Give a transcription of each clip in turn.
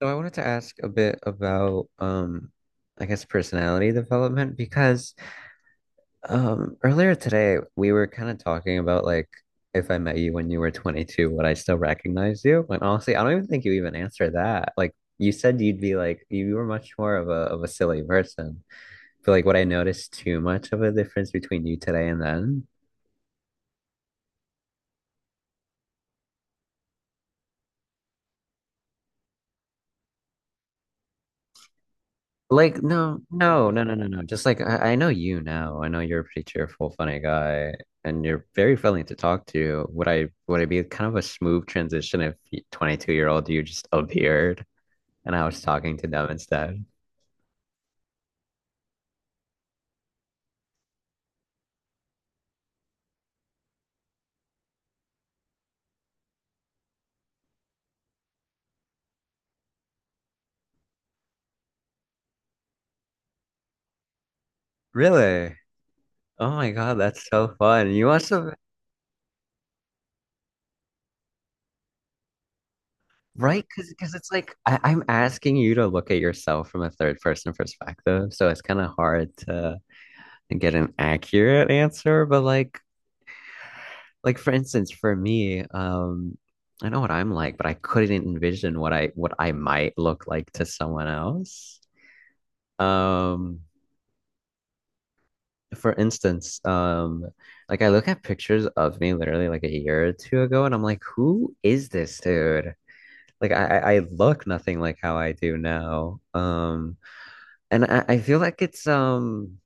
So I wanted to ask a bit about I guess personality development because earlier today we were kind of talking about like if I met you when you were 22, would I still recognize you? And honestly, I don't even think you even answered that. Like you said you'd be like you were much more of a silly person. But like would I notice too much of a difference between you today and then? Like no, no, no, no, no, no. Just like I know you now. I know you're a pretty cheerful, funny guy, and you're very friendly to talk to. Would I would it be kind of a smooth transition if 22-year-old you just appeared and I was talking to them instead? Really? Oh my God, that's so fun. You must have, right? Because it's like I'm asking you to look at yourself from a third person perspective, so it's kind of hard to get an accurate answer. But like for instance, for me, I know what I'm like, but I couldn't envision what I might look like to someone else. Um, for instance, um, like I look at pictures of me literally like a year or two ago, and I'm like, who is this dude? Like I look nothing like how I do now. And I feel like it's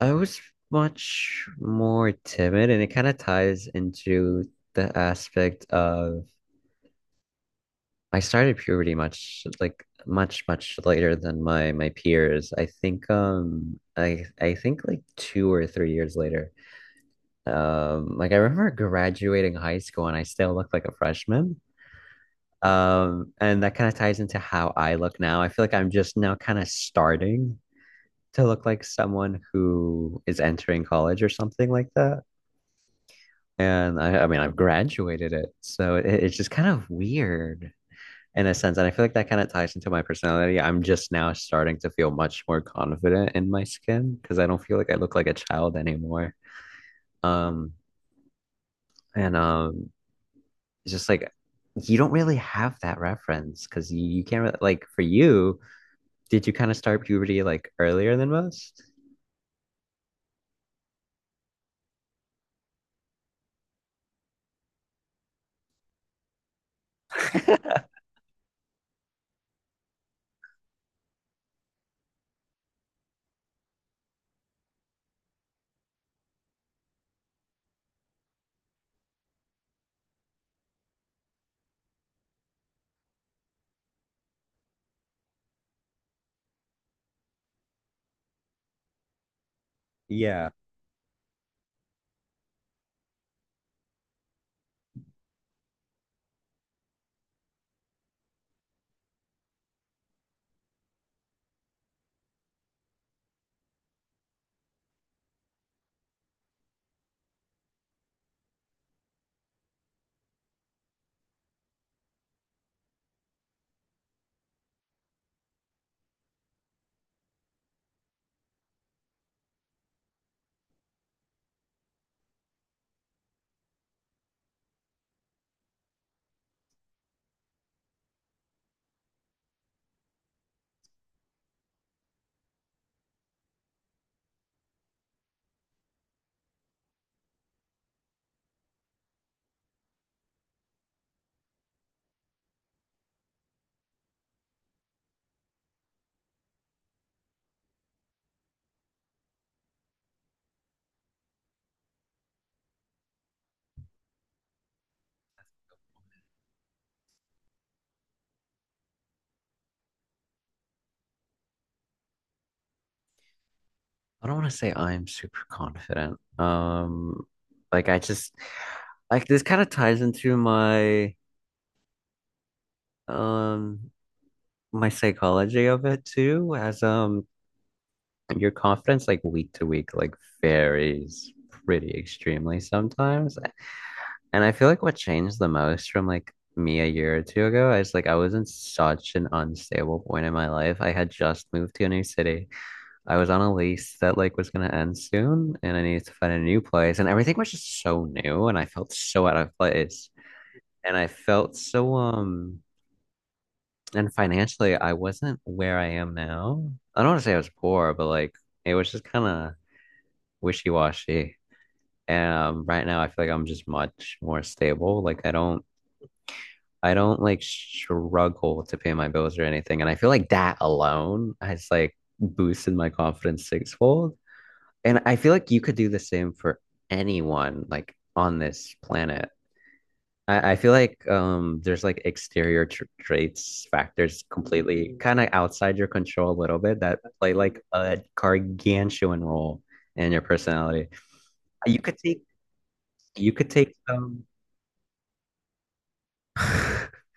I was much more timid, and it kind of ties into the aspect of I started puberty much like much later than my peers. I think I think like 2 or 3 years later. Like I remember graduating high school and I still looked like a freshman. And that kind of ties into how I look now. I feel like I'm just now kind of starting to look like someone who is entering college or something like that. And I mean I've graduated it. So it's just kind of weird in a sense. And I feel like that kind of ties into my personality. I'm just now starting to feel much more confident in my skin because I don't feel like I look like a child anymore. Um, and It's just like you don't really have that reference because you can't really, like for you, did you kind of start puberty like earlier than most? Yeah. I don't want to say I'm super confident. Like I just like this kind of ties into my um my psychology of it too as your confidence like week to week like varies pretty extremely sometimes. And I feel like what changed the most from like me a year or two ago, I was like I was in such an unstable point in my life. I had just moved to a new city. I was on a lease that like was gonna end soon and I needed to find a new place and everything was just so new and I felt so out of place. And I felt so and financially I wasn't where I am now. I don't want to say I was poor, but like it was just kind of wishy-washy. And right now I feel like I'm just much more stable. Like I don't like struggle to pay my bills or anything. And I feel like that alone has like boosted my confidence sixfold. And I feel like you could do the same for anyone like on this planet. I feel like there's like exterior tr traits factors completely kind of outside your control a little bit that play like a gargantuan role in your personality. You could take You could take some,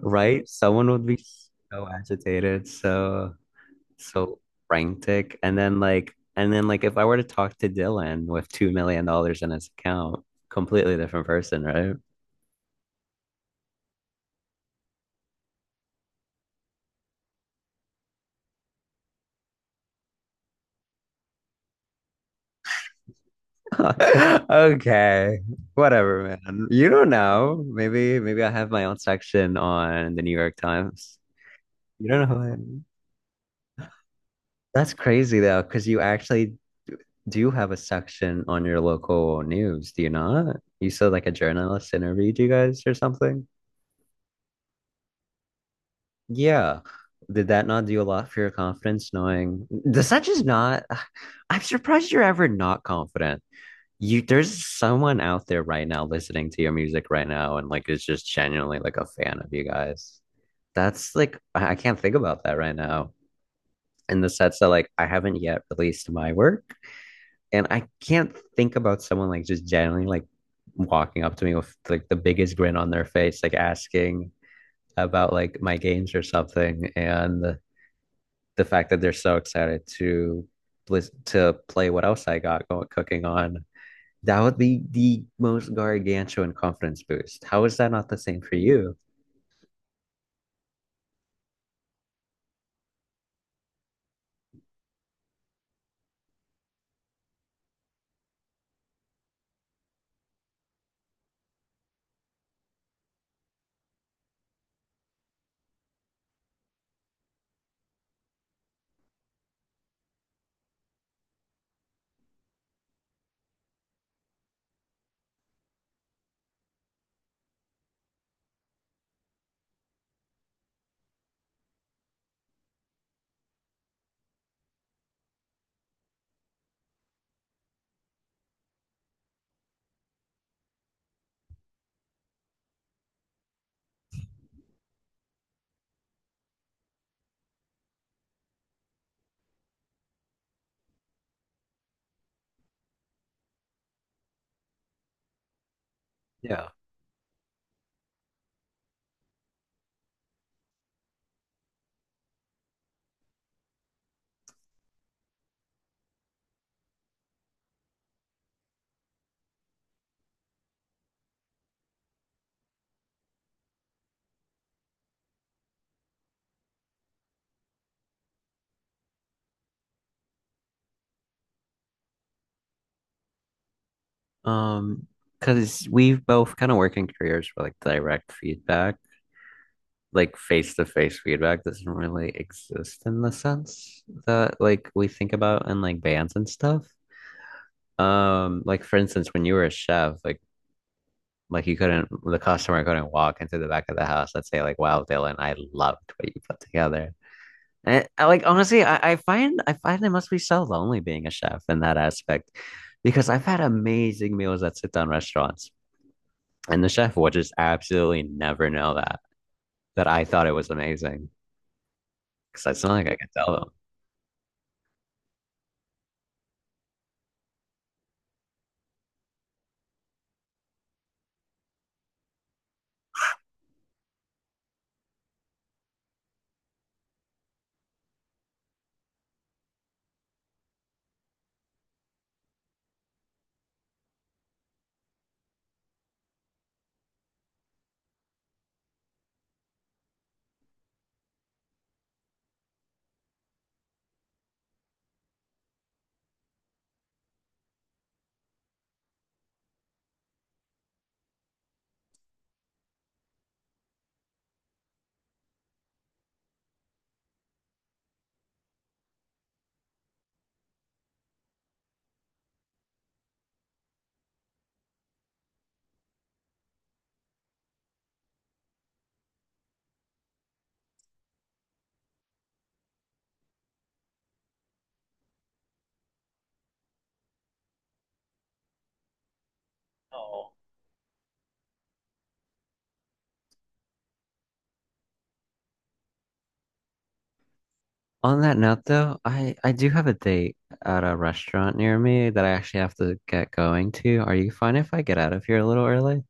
right? Someone would be so agitated, so frantic, and then like, if I were to talk to Dylan with $2 million in his account, completely different person, right? Okay, whatever, man. You don't know. Maybe I have my own section on the New York Times. You don't know. That's crazy though, because you actually do have a section on your local news, do you not? You said like a journalist interviewed you guys or something? Yeah. Did that not do a lot for your confidence knowing does that just not I'm surprised you're ever not confident. You there's someone out there right now listening to your music right now and like is just genuinely like a fan of you guys. That's like I can't think about that right now. In the sense that like I haven't yet released my work, and I can't think about someone like just generally like walking up to me with like the biggest grin on their face, like asking about like my games or something, and the fact that they're so excited to play what else I got going cooking on. That would be the most gargantuan confidence boost. How is that not the same for you? Yeah. Um, because we've both kind of work in careers for like direct feedback, like face to face feedback doesn't really exist in the sense that like we think about in like bands and stuff. Like for instance, when you were a chef, like you couldn't the customer couldn't walk into the back of the house and say like, "Wow, Dylan, I loved what you put together." And I, like honestly, I find I find it must be so lonely being a chef in that aspect because I've had amazing meals at sit down restaurants. And the chef would just absolutely never know that, that I thought it was amazing because it's not like I could tell them. Oh. On that note, though, I do have a date at a restaurant near me that I actually have to get going to. Are you fine if I get out of here a little early?